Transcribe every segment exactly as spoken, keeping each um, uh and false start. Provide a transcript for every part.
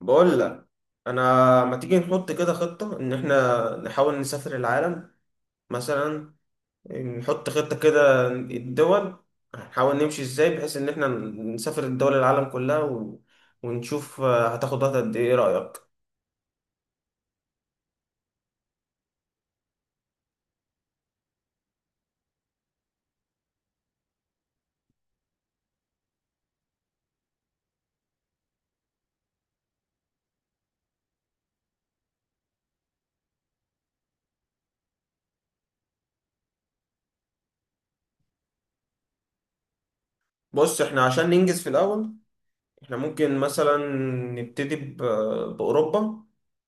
بقول لك، انا ما تيجي نحط كده خطة ان احنا نحاول نسافر العالم. مثلا نحط خطة كده الدول، هنحاول نمشي ازاي بحيث ان احنا نسافر الدول العالم كلها و... ونشوف هتاخد وقت قد ايه. إيه رأيك؟ بص احنا عشان ننجز في الاول، احنا ممكن مثلا نبتدي ب... بأوروبا،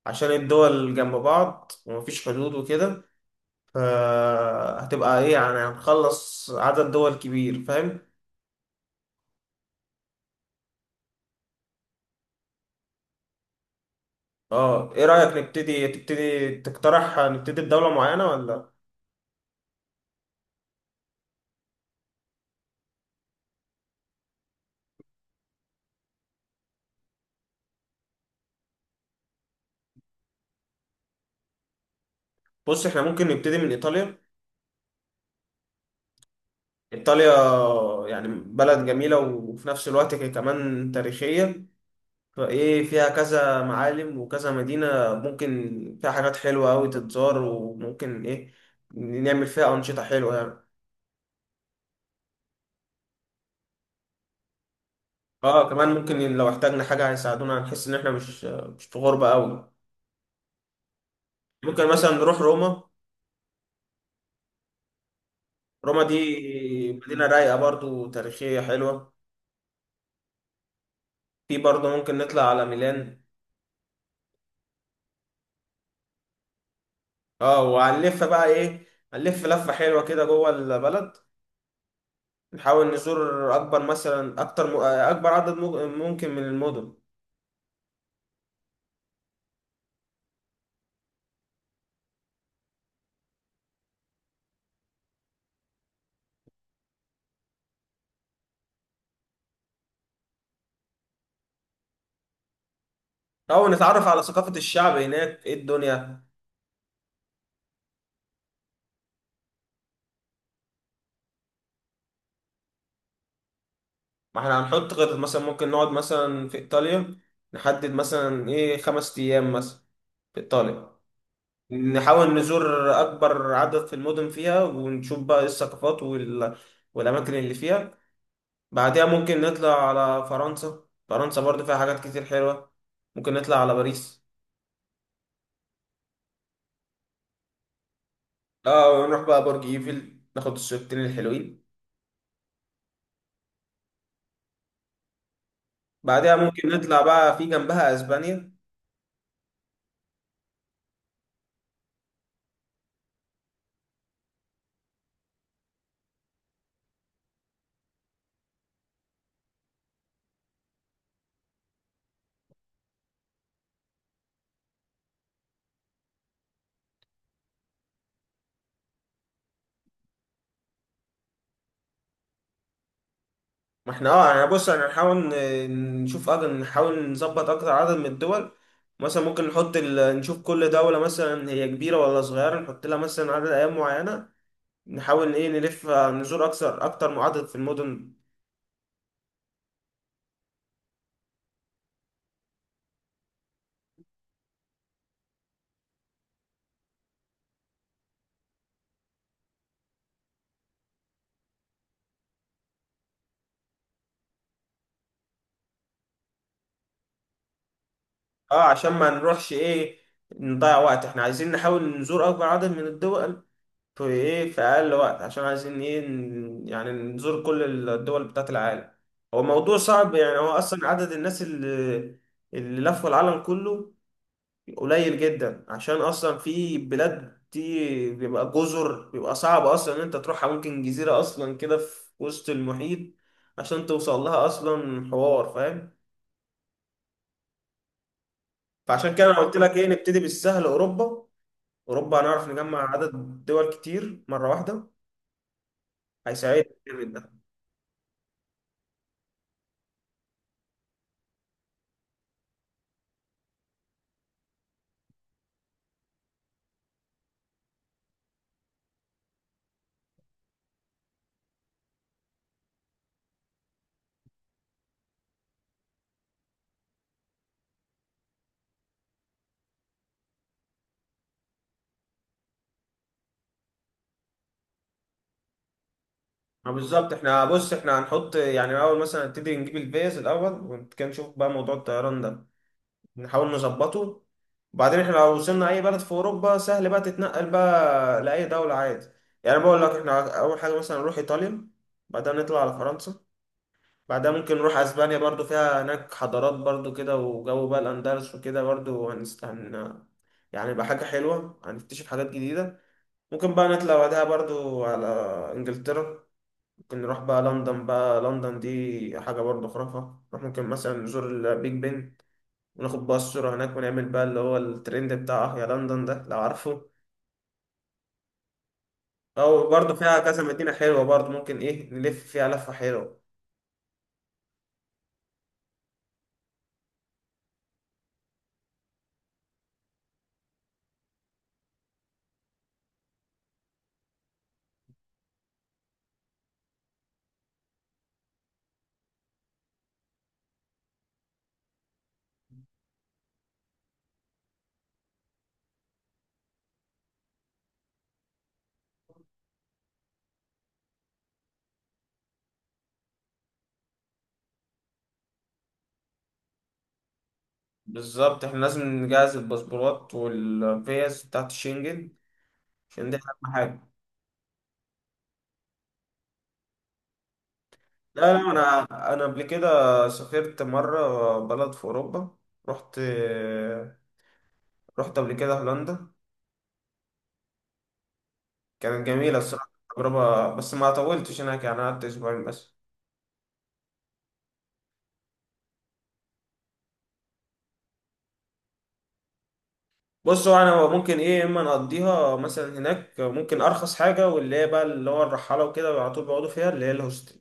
عشان الدول جنب بعض ومفيش حدود وكده. فهتبقى ايه يعني، هنخلص عدد دول كبير، فاهم؟ اه. ايه رأيك نبتدي، تبتدي تقترح نبتدي بدولة معينة ولا؟ بص احنا ممكن نبتدي من ايطاليا. ايطاليا يعني بلد جميلة وفي نفس الوقت هي كمان تاريخية، فايه فيها كذا معالم وكذا مدينة، ممكن فيها حاجات حلوة أوي تتزار، وممكن ايه نعمل فيها أنشطة حلوة يعني. اه كمان ممكن لو احتاجنا حاجة هيساعدونا، هنحس ان احنا مش مش في غربة أوي. ممكن مثلا نروح روما. روما دي مدينة رايقة، برضو تاريخية حلوة. في برضه ممكن نطلع على ميلان. اه وهنلف بقى ايه، هنلف لفة حلوة كده جوه البلد. نحاول نزور اكبر مثلا، اكتر م... اكبر عدد مج- ممكن من المدن، او نتعرف على ثقافة الشعب هناك، ايه الدنيا. ما احنا هنحط خطط، مثلا ممكن نقعد مثلا في ايطاليا، نحدد مثلا ايه خمس ايام مثلا في ايطاليا، نحاول نزور اكبر عدد في المدن فيها، ونشوف بقى إيه الثقافات وال... والاماكن اللي فيها. بعدها ممكن نطلع على فرنسا. فرنسا برضه فيها حاجات كتير حلوة، ممكن نطلع على باريس. اه ونروح بقى برج ايفل، ناخد الصورتين الحلوين. بعدها ممكن نطلع بقى في جنبها اسبانيا. ما احنا اه يعني، بص احنا هنحاول ن- نشوف أج- نحاول نظبط اكتر عدد من الدول. مثلا ممكن نحط ال... نشوف كل دولة مثلا هي كبيرة ولا صغيرة، نحط لها مثلا عدد ايام معينة، نحاول ايه نلف نزور اكثر، اكتر من عدد في المدن. اه عشان ما نروحش ايه نضيع وقت، احنا عايزين نحاول نزور اكبر عدد من الدول في ايه، في اقل وقت، عشان عايزين ايه، ن- يعني نزور كل الدول بتاعت العالم. هو موضوع صعب، يعني هو اصلا عدد الناس اللي اللي لفوا العالم كله قليل جدا، عشان اصلا في بلاد دي بيبقى جزر، بيبقى صعب اصلا ان انت تروحها، ممكن جزيرة اصلا كده في وسط المحيط عشان توصل لها اصلا، حوار، فاهم. فعشان كده انا قلت لك ايه، نبتدي بالسهل، اوروبا. اوروبا هنعرف نجمع عدد دول كتير مره واحده، هيساعدنا جامد ده. ما بالظبط، احنا بص احنا هنحط يعني الاول، مثلا نبتدي نجيب الفيز الاول، وكان نشوف بقى موضوع الطيران ده، نحاول نظبطه. وبعدين احنا لو وصلنا اي بلد في اوروبا، سهل بقى تتنقل بقى لاي دوله عادي. يعني بقول لك احنا اول حاجه مثلا نروح ايطاليا، بعدها نطلع على فرنسا، بعدها ممكن نروح اسبانيا برضو، فيها هناك حضارات برضو كده وجو بقى الاندلس وكده، برضو هنست... هن... يعني يبقى حاجه حلوه، هنكتشف حاجات جديده. ممكن بقى نطلع بعدها برضو على إنجلترا، ممكن نروح بقى لندن. بقى لندن دي حاجة برضو خرافة، نروح ممكن مثلا نزور البيج بن، وناخد بقى الصورة هناك، ونعمل بقى اللي هو الترند بتاع أه يا لندن ده لو عارفه. أو برضو فيها كذا مدينة حلوة برضو، ممكن إيه نلف فيها لفة حلوة. بالظبط احنا لازم نجهز الباسبورات والفيز بتاعت الشنجن، عشان دي أهم حاجة. لا لا أنا، أنا قبل كده سافرت مرة بلد في أوروبا. رحت رحت قبل كده هولندا، كانت جميلة الصراحة تجربة، بس ما طولتش هناك يعني، قعدت أسبوعين بس. بص هو أنا ممكن إيه، إما نقضيها مثلا هناك، ممكن أرخص حاجة واللي هي بقى اللي هو الرحالة وكده على طول بيقعدوا فيها، اللي هي الهوستل.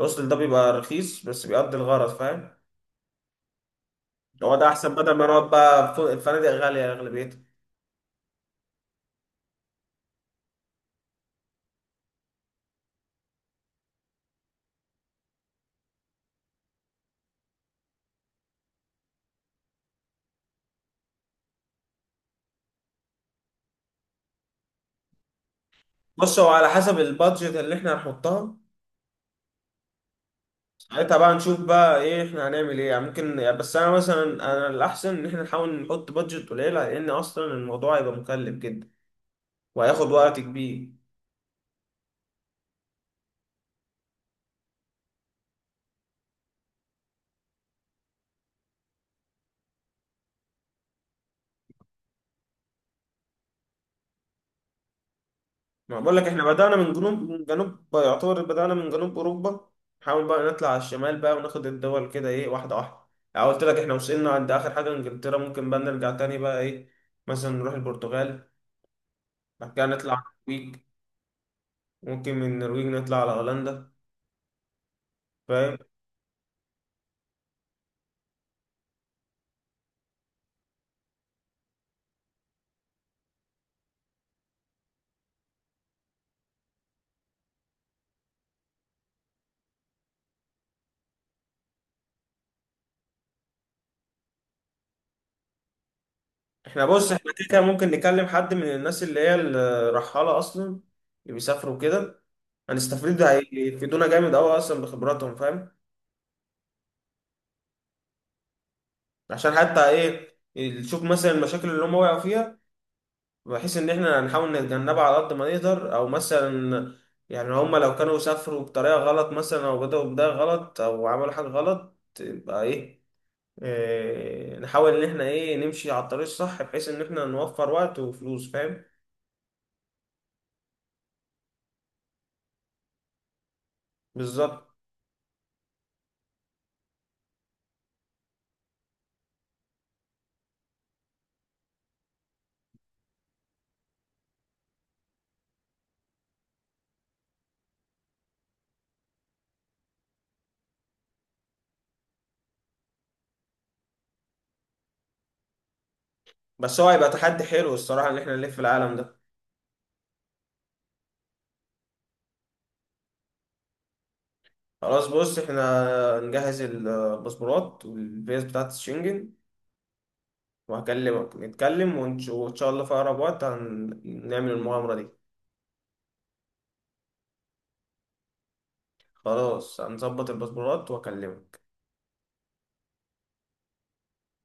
الهوستل ده بيبقى رخيص بس بيقضي الغرض، فاهم. هو ده أحسن بدل ما نقعد بقى في الفنادق غالية أغلبيتها. بص هو على حسب البادجت اللي إحنا هنحطها، ساعتها بقى نشوف بقى إيه إحنا هنعمل إيه يعني. ممكن بس أنا مثلا، أنا الأحسن إن إحنا نحاول نحط بادجت قليلة، لأن أصلا الموضوع هيبقى مكلف جدا، وهياخد وقت كبير. ما بقول لك احنا بدأنا من جنوب، من جنوب يعتبر بدأنا من جنوب أوروبا، نحاول بقى نطلع على الشمال بقى، وناخد الدول كده ايه واحدة واحدة. يعني قلت لك احنا وصلنا عند آخر حاجة إنجلترا، ممكن بقى نرجع تاني بقى ايه، مثلا نروح البرتغال، بعد كده نطلع على النرويج، ممكن من النرويج نطلع على هولندا، فاهم. احنا بص احنا كده كده ممكن نكلم حد من الناس اللي هي الرحالة أصلا، اللي بيسافروا كده، هنستفيد، هيفيدونا جامد أوي أصلا بخبراتهم، فاهم. عشان حتى ايه نشوف مثلا المشاكل اللي هم وقعوا فيها، بحيث ان احنا نحاول نتجنبها على قد ما نقدر. او مثلا يعني هما لو كانوا سافروا بطريقة غلط مثلا، او بدأوا بداية غلط، او عملوا حاجة غلط، يبقى ايه، إيه نحاول ان احنا ايه نمشي على الطريق الصح، بحيث ان احنا نوفر وقت وفلوس، فاهم. بالظبط. بس هو هيبقى تحدي حلو الصراحة ان احنا نلف العالم ده. خلاص بص احنا نجهز الباسبورات والفيز بتاعت الشنجن، وهكلمك نتكلم ونش- وان شاء الله في اقرب وقت هنعمل المغامرة دي. خلاص هنظبط الباسبورات واكلمك.